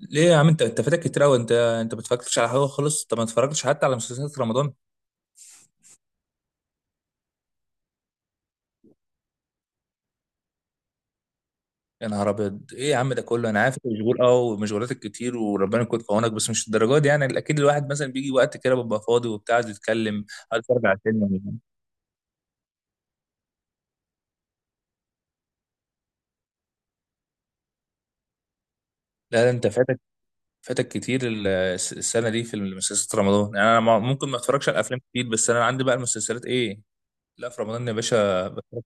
ليه يا عم، انت فاتك كتير قوي. انت ما اتفرجتش على حاجه خالص. انت ما اتفرجتش حتى على مسلسلات رمضان. يا نهار ابيض! ايه يا عم ده كله؟ انا عارف انت مشغول، ومشغولاتك كتير وربنا يكون في عونك، بس مش الدرجات دي. يعني اكيد الواحد مثلا بيجي وقت كده ببقى فاضي وبتاع، عايز يتكلم، عايز يتفرج على فيلم ولا حاجة. لا لا، انت فاتك كتير. السنه دي في المسلسلات رمضان. يعني انا ما- ممكن ما اتفرجش على الافلام كتير، بس انا عندي بقى المسلسلات، ايه؟ لا، في رمضان يا باشا بتفرج.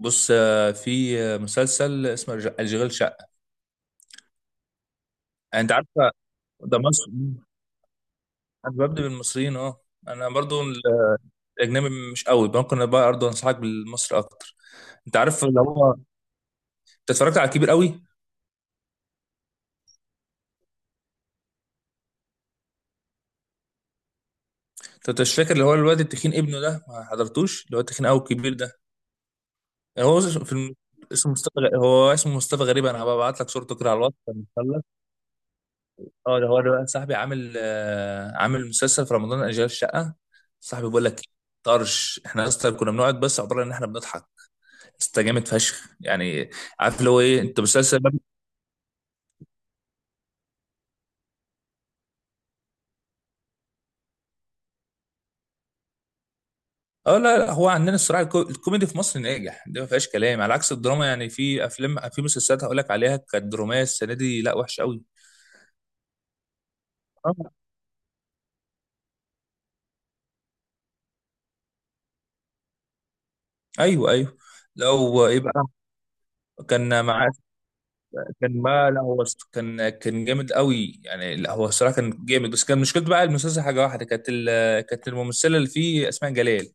بص، في مسلسل اسمه الجغل شقه. انت عارف ده مصر. انا ببدأ بالمصريين، اه. انا برضو الاجنبي مش قوي. ممكن بقى برضو انصحك بالمصري اكتر. انت عارف اللي هو، انت اتفرجت على الكبير قوي؟ انت مش فاكر اللي هو الواد التخين ابنه ده؟ ما حضرتوش اللي هو التخين قوي الكبير ده؟ هو في اسمه هو اسمه مصطفى غريب. انا هبعت لك صورته كده على الواتس لما نخلص. اه، ده هو ده بقى صاحبي. عامل عامل مسلسل في رمضان، اجيال الشقه. صاحبي بيقول لك طرش. احنا اصلا كنا بنقعد بس عباره ان احنا بنضحك. استجامد فشخ يعني. عارف اللي هو ايه انت، مسلسل؟ اه لا لا، هو عندنا الصراحه الكوميدي في مصر ناجح، دي ما فيهاش كلام، على عكس الدراما. يعني في افلام، في مسلسلات هقول لك عليها كانت دراميه السنه دي، لا وحشه قوي. آه. ايوه ايوه. لو ايه بقى. كان مع كان ما لا، هو كان جامد قوي يعني. لا، هو الصراحه كان جامد، بس كان مشكلته بقى المسلسل حاجه واحده، كانت الممثله اللي فيه اسماء جلال.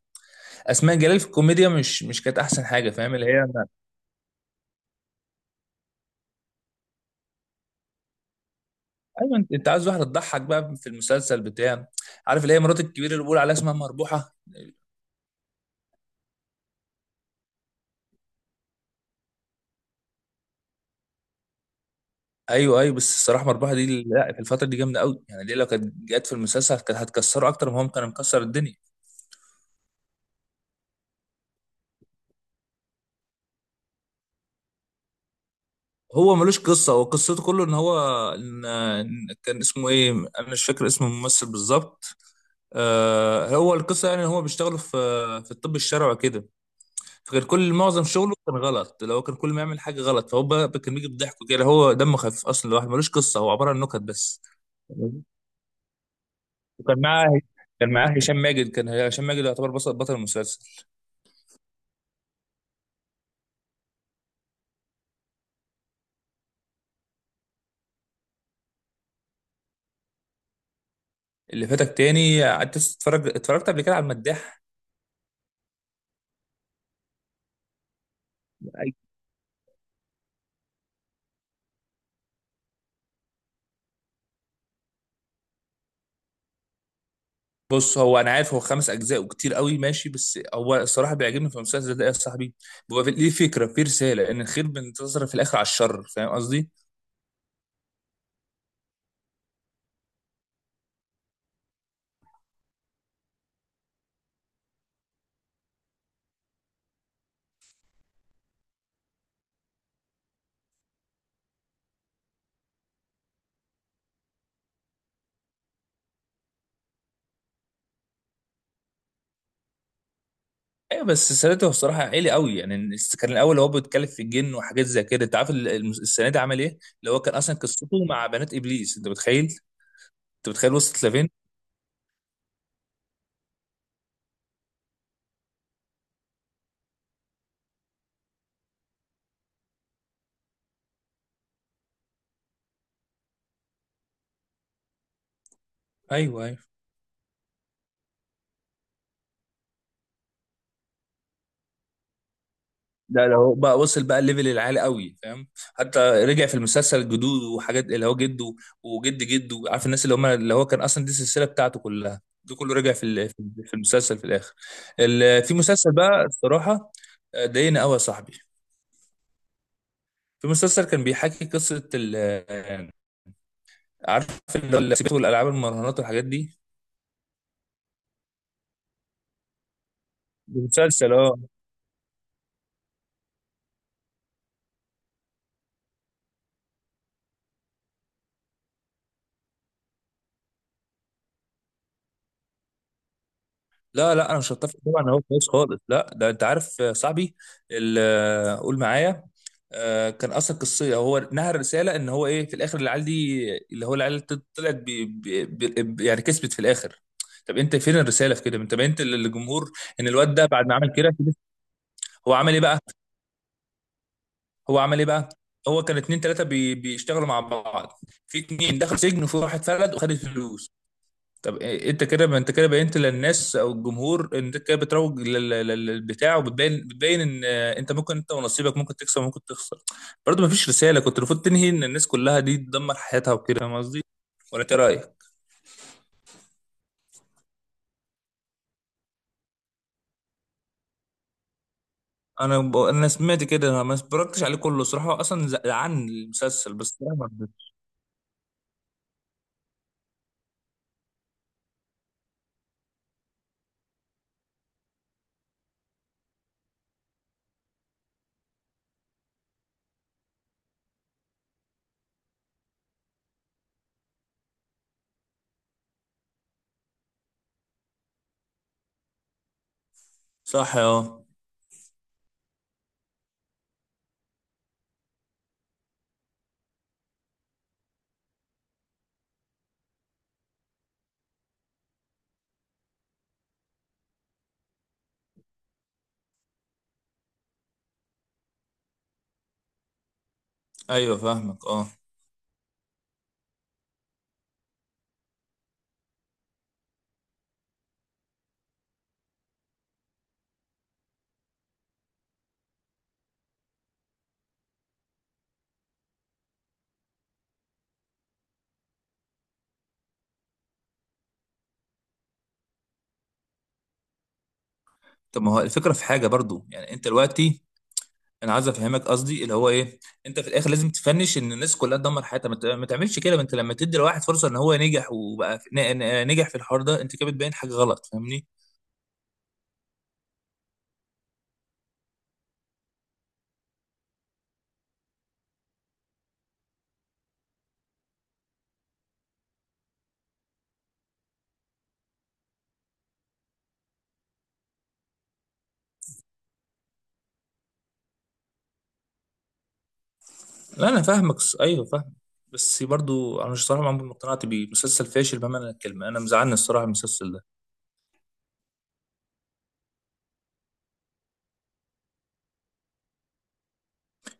اسماء جلال في الكوميديا مش كانت احسن حاجه، فاهم اللي هي؟ ايوه، انت عايز واحده تضحك بقى في المسلسل بتاع. عارف اللي هي مرات الكبير اللي بيقول عليها اسمها مربوحه. ايوه ايوه، بس الصراحه مربحه دي لا، في الفتره دي جامده قوي. يعني دي لو كانت جت في المسلسل كانت هتكسره اكتر، ما هو كان مكسر الدنيا. هو ملوش قصه. هو قصته كله ان هو إن كان اسمه ايه؟ انا مش فاكر اسم الممثل بالظبط. هو القصه يعني ان هو بيشتغل في الطب الشرعي كده. فكان كل معظم شغله كان غلط، لو كان كل ما يعمل حاجه غلط فهو بقى كان بيجي بضحكه كده. هو دمه خفيف اصلا. الواحد ملوش قصه، هو عباره عن نكت بس. وكان معاه كان معاه هشام ماجد. كان هشام ماجد يعتبر بطل المسلسل. اللي فاتك تاني، قعدت تتفرج اتفرجت قبل كده على المداح. بص، هو انا عارف هو خمس اجزاء وكتير قوي، ماشي. بس هو الصراحه بيعجبني في المسلسل ده يا صاحبي. ليه فكره، في رساله ان الخير بينتصر في الاخر على الشر، فاهم قصدي؟ ايوه بس السنه دي هو الصراحه عالي قوي يعني. كان الاول هو بيتكلم في الجن وحاجات زي كده. انت عارف السنه دي عمل ايه؟ اللي هو كان اصلا قصته مع بنات ابليس، انت متخيل؟ انت متخيل وصلت لفين؟ ايوه ايوه. ده لو بقى وصل بقى الليفل العالي قوي، فاهم؟ حتى رجع في المسلسل جدوده وحاجات، اللي هو جده وجد جده، عارف الناس اللي هم اللي هو كان اصلا دي السلسله بتاعته كلها. ده كله رجع في المسلسل في الاخر. في مسلسل بقى الصراحه ضايقني قوي يا صاحبي. في مسلسل كان بيحكي قصه ال آه، عارف اللي هو السبت والالعاب المراهنات والحاجات دي. ده مسلسل، اه. لا لا، انا مش هتفق طبعا. هو كويس خالص، لا. ده انت عارف يا صاحبي قول معايا. كان اصلا قصيه هو نهى، رساله ان هو ايه في الاخر العيال دي اللي هو العيال طلعت بي يعني، كسبت في الاخر. طب انت فين الرساله في كده؟ انت بينت للجمهور ان الواد ده بعد ما عمل كده، هو عمل ايه بقى هو عمل ايه بقى؟ هو كان اتنين تلاته بيشتغلوا مع بعض. في اتنين دخل سجن، وفي واحد فلت وخد الفلوس. طب انت كده بينت للناس او الجمهور ان انت كده بتروج للبتاع، بتبين ان انت ممكن انت ونصيبك، ممكن تكسب وممكن تخسر. برضه مفيش رساله. كنت المفروض تنهي ان الناس كلها دي تدمر حياتها وكده، فاهم قصدي؟ ولا انت إيه رايك؟ انا سمعت كده. انا ما اتفرجتش عليه كله صراحه. هو اصلا زعلان المسلسل، بس أنا ما رضيتش. صح، اه. ايوه فاهمك، اه. طب ما هو الفكره في حاجه برضو يعني. انت دلوقتي، انا عايز افهمك قصدي اللي هو ايه. انت في الاخر لازم تفنش ان الناس كلها تدمر حياتها، ما تعملش كده. ما انت لما تدي لواحد فرصه ان هو نجح وبقى نجح في الحوار ده، انت كده بتبين حاجه غلط، فاهمني؟ لا، انا فاهمك. ايوه فاهم. بس برضو انا مش صراحه عمري ما اقتنعت بيه. مسلسل فاشل بمعنى الكلمه. انا مزعلني الصراحه المسلسل ده.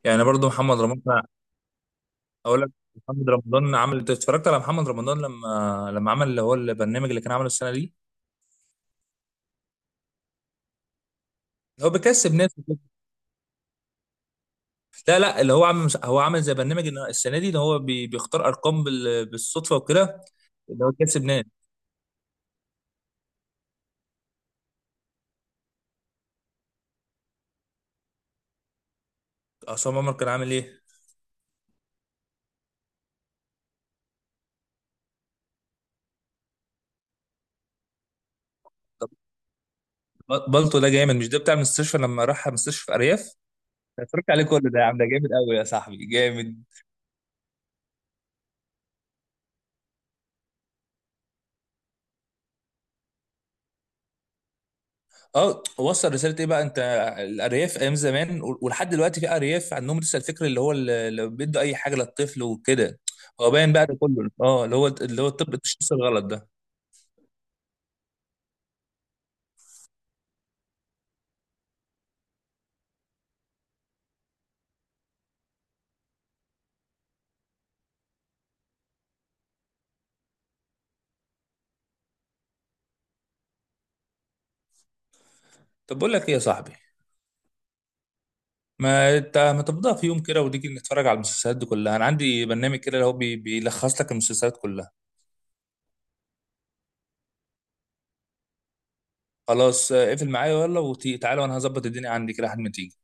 يعني برضو محمد رمضان، اقول لك. محمد رمضان عمل انت اتفرجت على محمد رمضان لما عمل اللي هو البرنامج اللي كان عامله السنه دي؟ هو بيكسب ناس. لا لا، اللي هو عامل مش... هو عامل زي برنامج ان السنه دي اللي هو بيختار ارقام بالصدفه وكده. اللي هو كسب ناس. عصام عمر كان عامل ايه؟ بالطو ده جامد. مش ده بتاع المستشفى لما راح مستشفى ارياف؟ اتفرجت عليه كله ده يا عم. ده جامد قوي يا صاحبي، جامد. اه، وصل رساله ايه بقى انت؟ الارياف ايام زمان ولحد دلوقتي في ارياف عندهم لسه الفكر اللي هو اللي بيدوا اي حاجه للطفل وكده. هو باين بقى ده كله، اه. اللي هو الطب، التشخيص الغلط ده. طب بقول لك ايه يا صاحبي. ما انت ما تفضى في يوم كده وتيجي نتفرج على المسلسلات دي كلها؟ انا عندي برنامج كده اللي هو بيلخص لك المسلسلات كلها. خلاص، اقفل معايا. يلا، وتعالى، وانا هظبط الدنيا عندي كده لحد ما تيجي.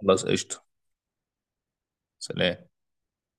خلاص، قشطة. سلام.